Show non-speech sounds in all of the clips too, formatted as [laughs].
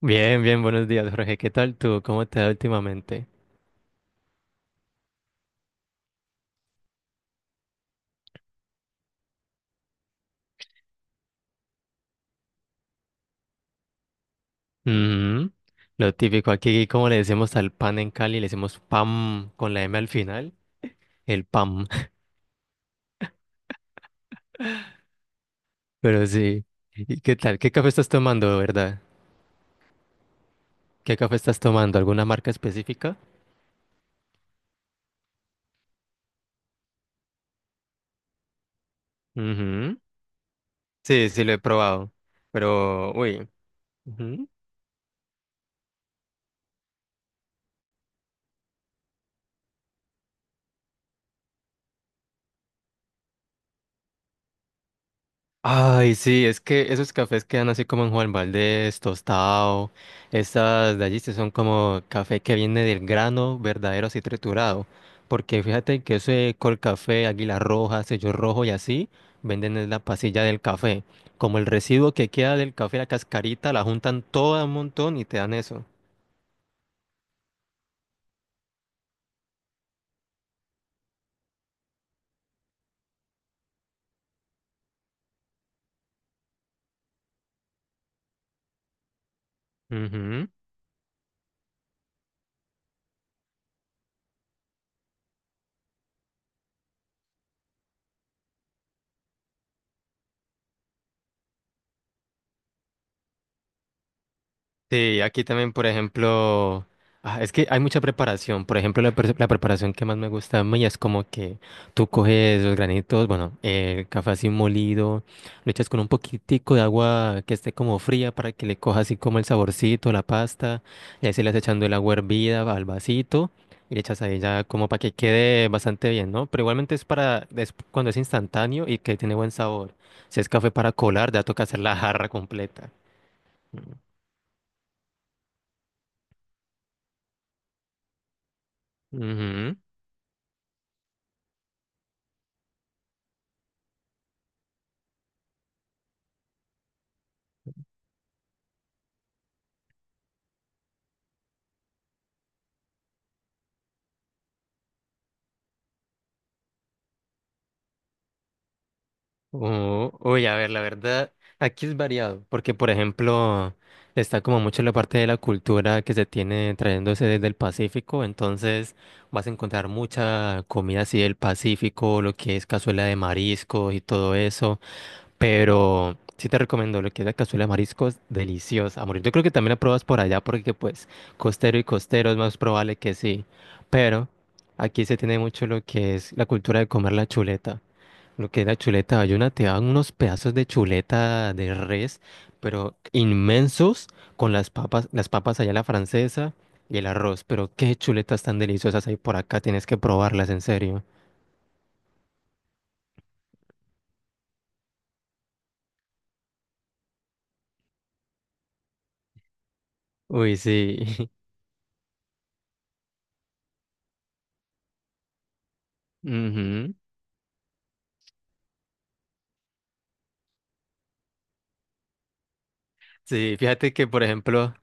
Bien, bien, buenos días, Jorge. ¿Qué tal tú? ¿Cómo te va últimamente? Ujú. Lo típico aquí, como le decimos al pan en Cali, le decimos pam con la M al final, el pam. [laughs] Pero sí. ¿Y qué tal? ¿Qué café estás tomando, verdad? ¿Qué café estás tomando? ¿Alguna marca específica? Ujú. Sí, sí, lo he probado. Pero, uy. Ay, sí, es que esos cafés quedan así como en Juan Valdez, tostado. Estas de allí sí son como café que viene del grano verdadero así triturado. Porque fíjate que ese col café, águila roja, sello rojo y así, venden es la pasilla del café. Como el residuo que queda del café, la cascarita, la juntan toda un montón y te dan eso. Sí, aquí también, por ejemplo, ah, es que hay mucha preparación. Por ejemplo, la preparación que más me gusta a mí es como que tú coges los granitos, bueno, el café así molido, lo echas con un poquitico de agua que esté como fría para que le coja así como el saborcito, la pasta, y ahí se le vas echando el agua hervida al vasito y le echas ahí ya como para que quede bastante bien, ¿no? Pero igualmente es cuando es instantáneo y que tiene buen sabor. Si es café para colar, ya toca hacer la jarra completa. Ujú. Oh, uy, a ver, la verdad, aquí es variado, porque por ejemplo, está como mucho la parte de la cultura que se tiene trayéndose desde el Pacífico, entonces vas a encontrar mucha comida así del Pacífico, lo que es cazuela de mariscos y todo eso, pero sí te recomiendo lo que es la cazuela de mariscos, deliciosa, a morir. Yo creo que también la pruebas por allá, porque pues costero y costero es más probable que sí, pero aquí se tiene mucho lo que es la cultura de comer la chuleta. Lo que es la chuleta bayuna, te dan unos pedazos de chuleta de res, pero inmensos, con las papas allá a la francesa y el arroz. Pero qué chuletas tan deliciosas hay por acá, tienes que probarlas, en serio. Uy, sí. [laughs] Ujú. Sí, fíjate que, por ejemplo,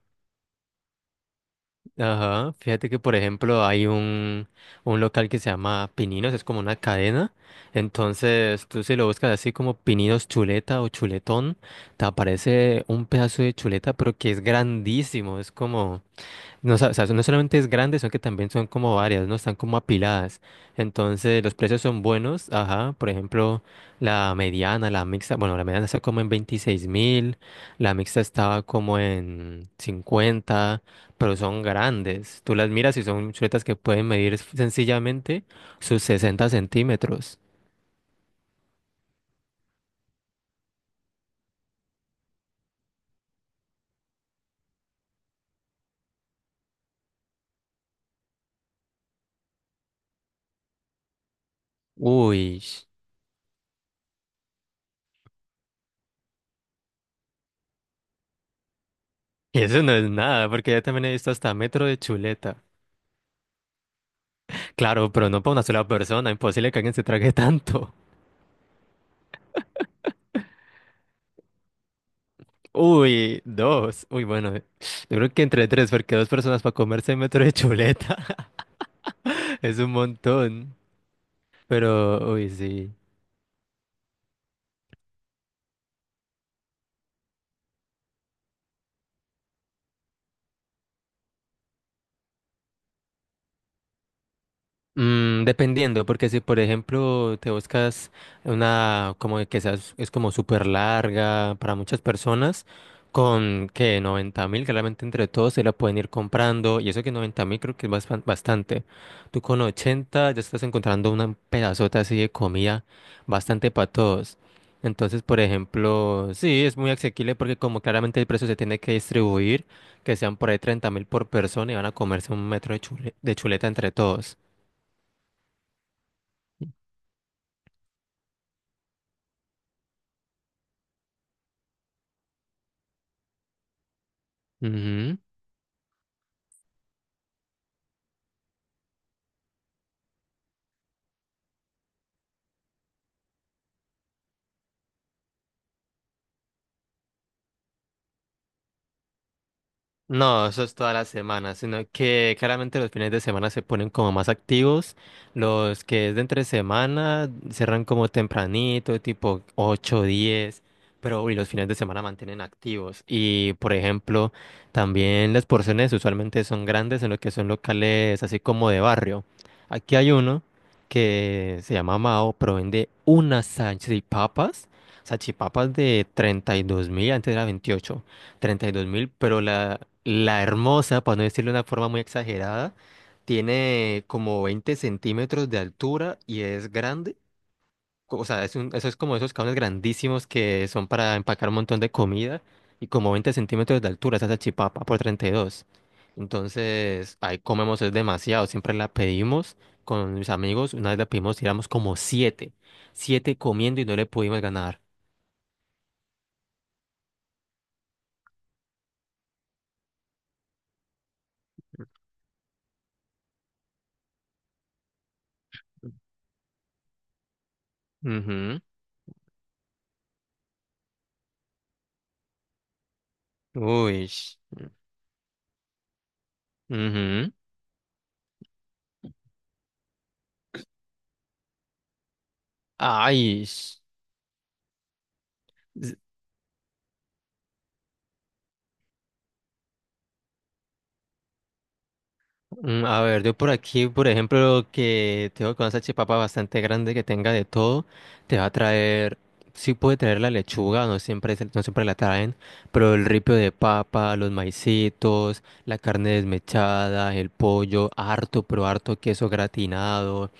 Ajá, fíjate que por ejemplo hay un local que se llama Pininos, es como una cadena, entonces tú si lo buscas así como Pininos Chuleta o Chuletón, te aparece un pedazo de chuleta pero que es grandísimo, es como, no, o sea, no solamente es grande, son que también son como varias, ¿no? Están como apiladas. Entonces, los precios son buenos. Ajá, por ejemplo, la mediana, la mixta, bueno, la mediana está como en 26.000, la mixta estaba como en 50, pero son grandes. Tú las miras y son chuletas que pueden medir sencillamente sus 60 centímetros. Uy, eso no es nada, porque yo también he visto hasta metro de chuleta. Claro, pero no para una sola persona, imposible que alguien se trague [laughs] tanto. Uy, dos. Uy, bueno, yo creo que entre tres, porque dos personas para comerse un metro de chuleta [laughs] es un montón. Pero, uy, sí. Mm, dependiendo, porque si por ejemplo te buscas una como de que seas, es como súper larga para muchas personas, con que 90.000, claramente entre todos se la pueden ir comprando, y eso que 90.000 creo que es bastante. Tú con 80 ya estás encontrando una pedazota así de comida bastante para todos. Entonces, por ejemplo, sí, es muy asequible porque como claramente el precio se tiene que distribuir, que sean por ahí 30.000 por persona y van a comerse un metro de de chuleta entre todos. Ujú. No, eso es toda la semana, sino que claramente los fines de semana se ponen como más activos. Los que es de entre semana cerran como tempranito, tipo 8 10, pero y los fines de semana mantienen activos. Y por ejemplo, también las porciones usualmente son grandes en lo que son locales así como de barrio. Aquí hay uno que se llama Mao, pero vende unas salchipapas, salchipapas de 32.000, antes era 28. 32.000, pero la hermosa, para no decirlo de una forma muy exagerada, tiene como 20 centímetros de altura y es grande. O sea, eso es como esos cables grandísimos que son para empacar un montón de comida y como 20 centímetros de altura, esa salchipapa por 32. Entonces, ahí comemos es demasiado. Siempre la pedimos con mis amigos. Una vez la pedimos y éramos como siete. Siete comiendo y no le pudimos ganar. Ujú. Uy. Ujú. Ay, s- a ver, yo por aquí, por ejemplo, que tengo con esa chipapa bastante grande que tenga de todo, te va a traer, sí puede traer la lechuga, no siempre, no siempre la traen, pero el ripio de papa, los maicitos, la carne desmechada, el pollo, harto, pero harto queso gratinado.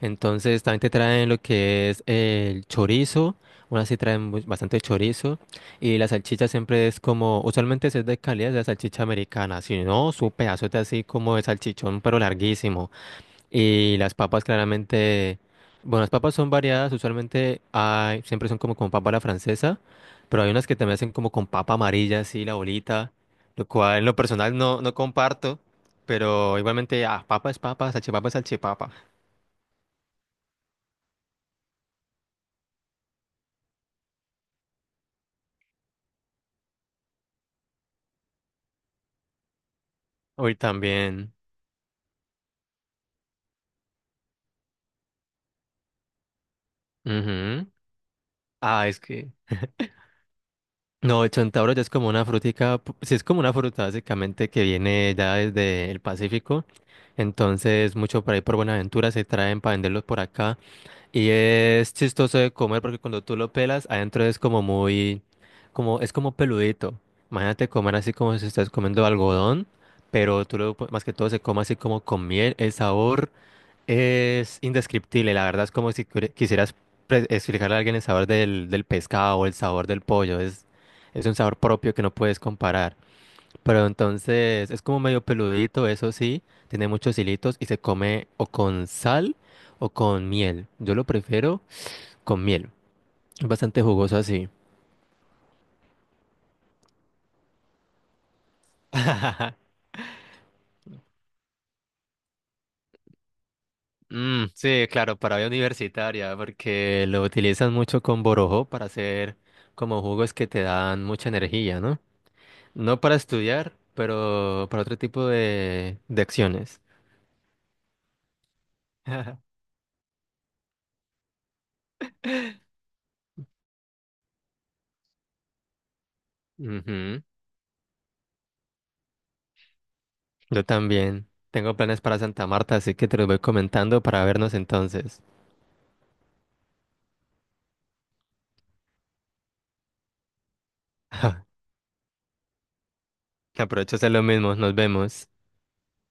Entonces también te traen lo que es el chorizo, unas sí traen bastante chorizo y la salchicha siempre es como, usualmente si es de calidad es la salchicha americana, si no, su pedazote así como de salchichón pero larguísimo. Y las papas claramente, bueno, las papas son variadas, usualmente hay, siempre son como con papa a la francesa, pero hay unas que también hacen como con papa amarilla, así la bolita, lo cual en lo personal no, no comparto, pero igualmente, ah, papa es papa, salchipapa es salchipapa. Hoy también. Ujú. Ah, es que. No, el centauro ya es como una frutica, sí es como una fruta básicamente que viene ya desde el Pacífico. Entonces, mucho por ahí por Buenaventura se traen para venderlos por acá. Y es chistoso de comer porque cuando tú lo pelas, adentro es como muy, como, es como peludito. Imagínate comer así como si estás comiendo algodón, pero tú más que todo se come así como con miel, el sabor. Es indescriptible, la verdad es como si quisieras explicarle a alguien el sabor del pescado o el sabor del pollo. Es un sabor propio que no puedes comparar. Pero entonces es como medio peludito, eso sí, tiene muchos hilitos y se come o con sal o con miel. Yo lo prefiero con miel. Es bastante jugoso así. [laughs] Mm, sí, claro, para vida universitaria, porque lo utilizan mucho con borojó para hacer como jugos que te dan mucha energía, ¿no? No para estudiar, pero para otro tipo de acciones. [laughs] Ujú. Yo también. Tengo planes para Santa Marta, así que te los voy comentando para vernos entonces. [laughs] Aprovecho a hacer lo mismo. Nos vemos.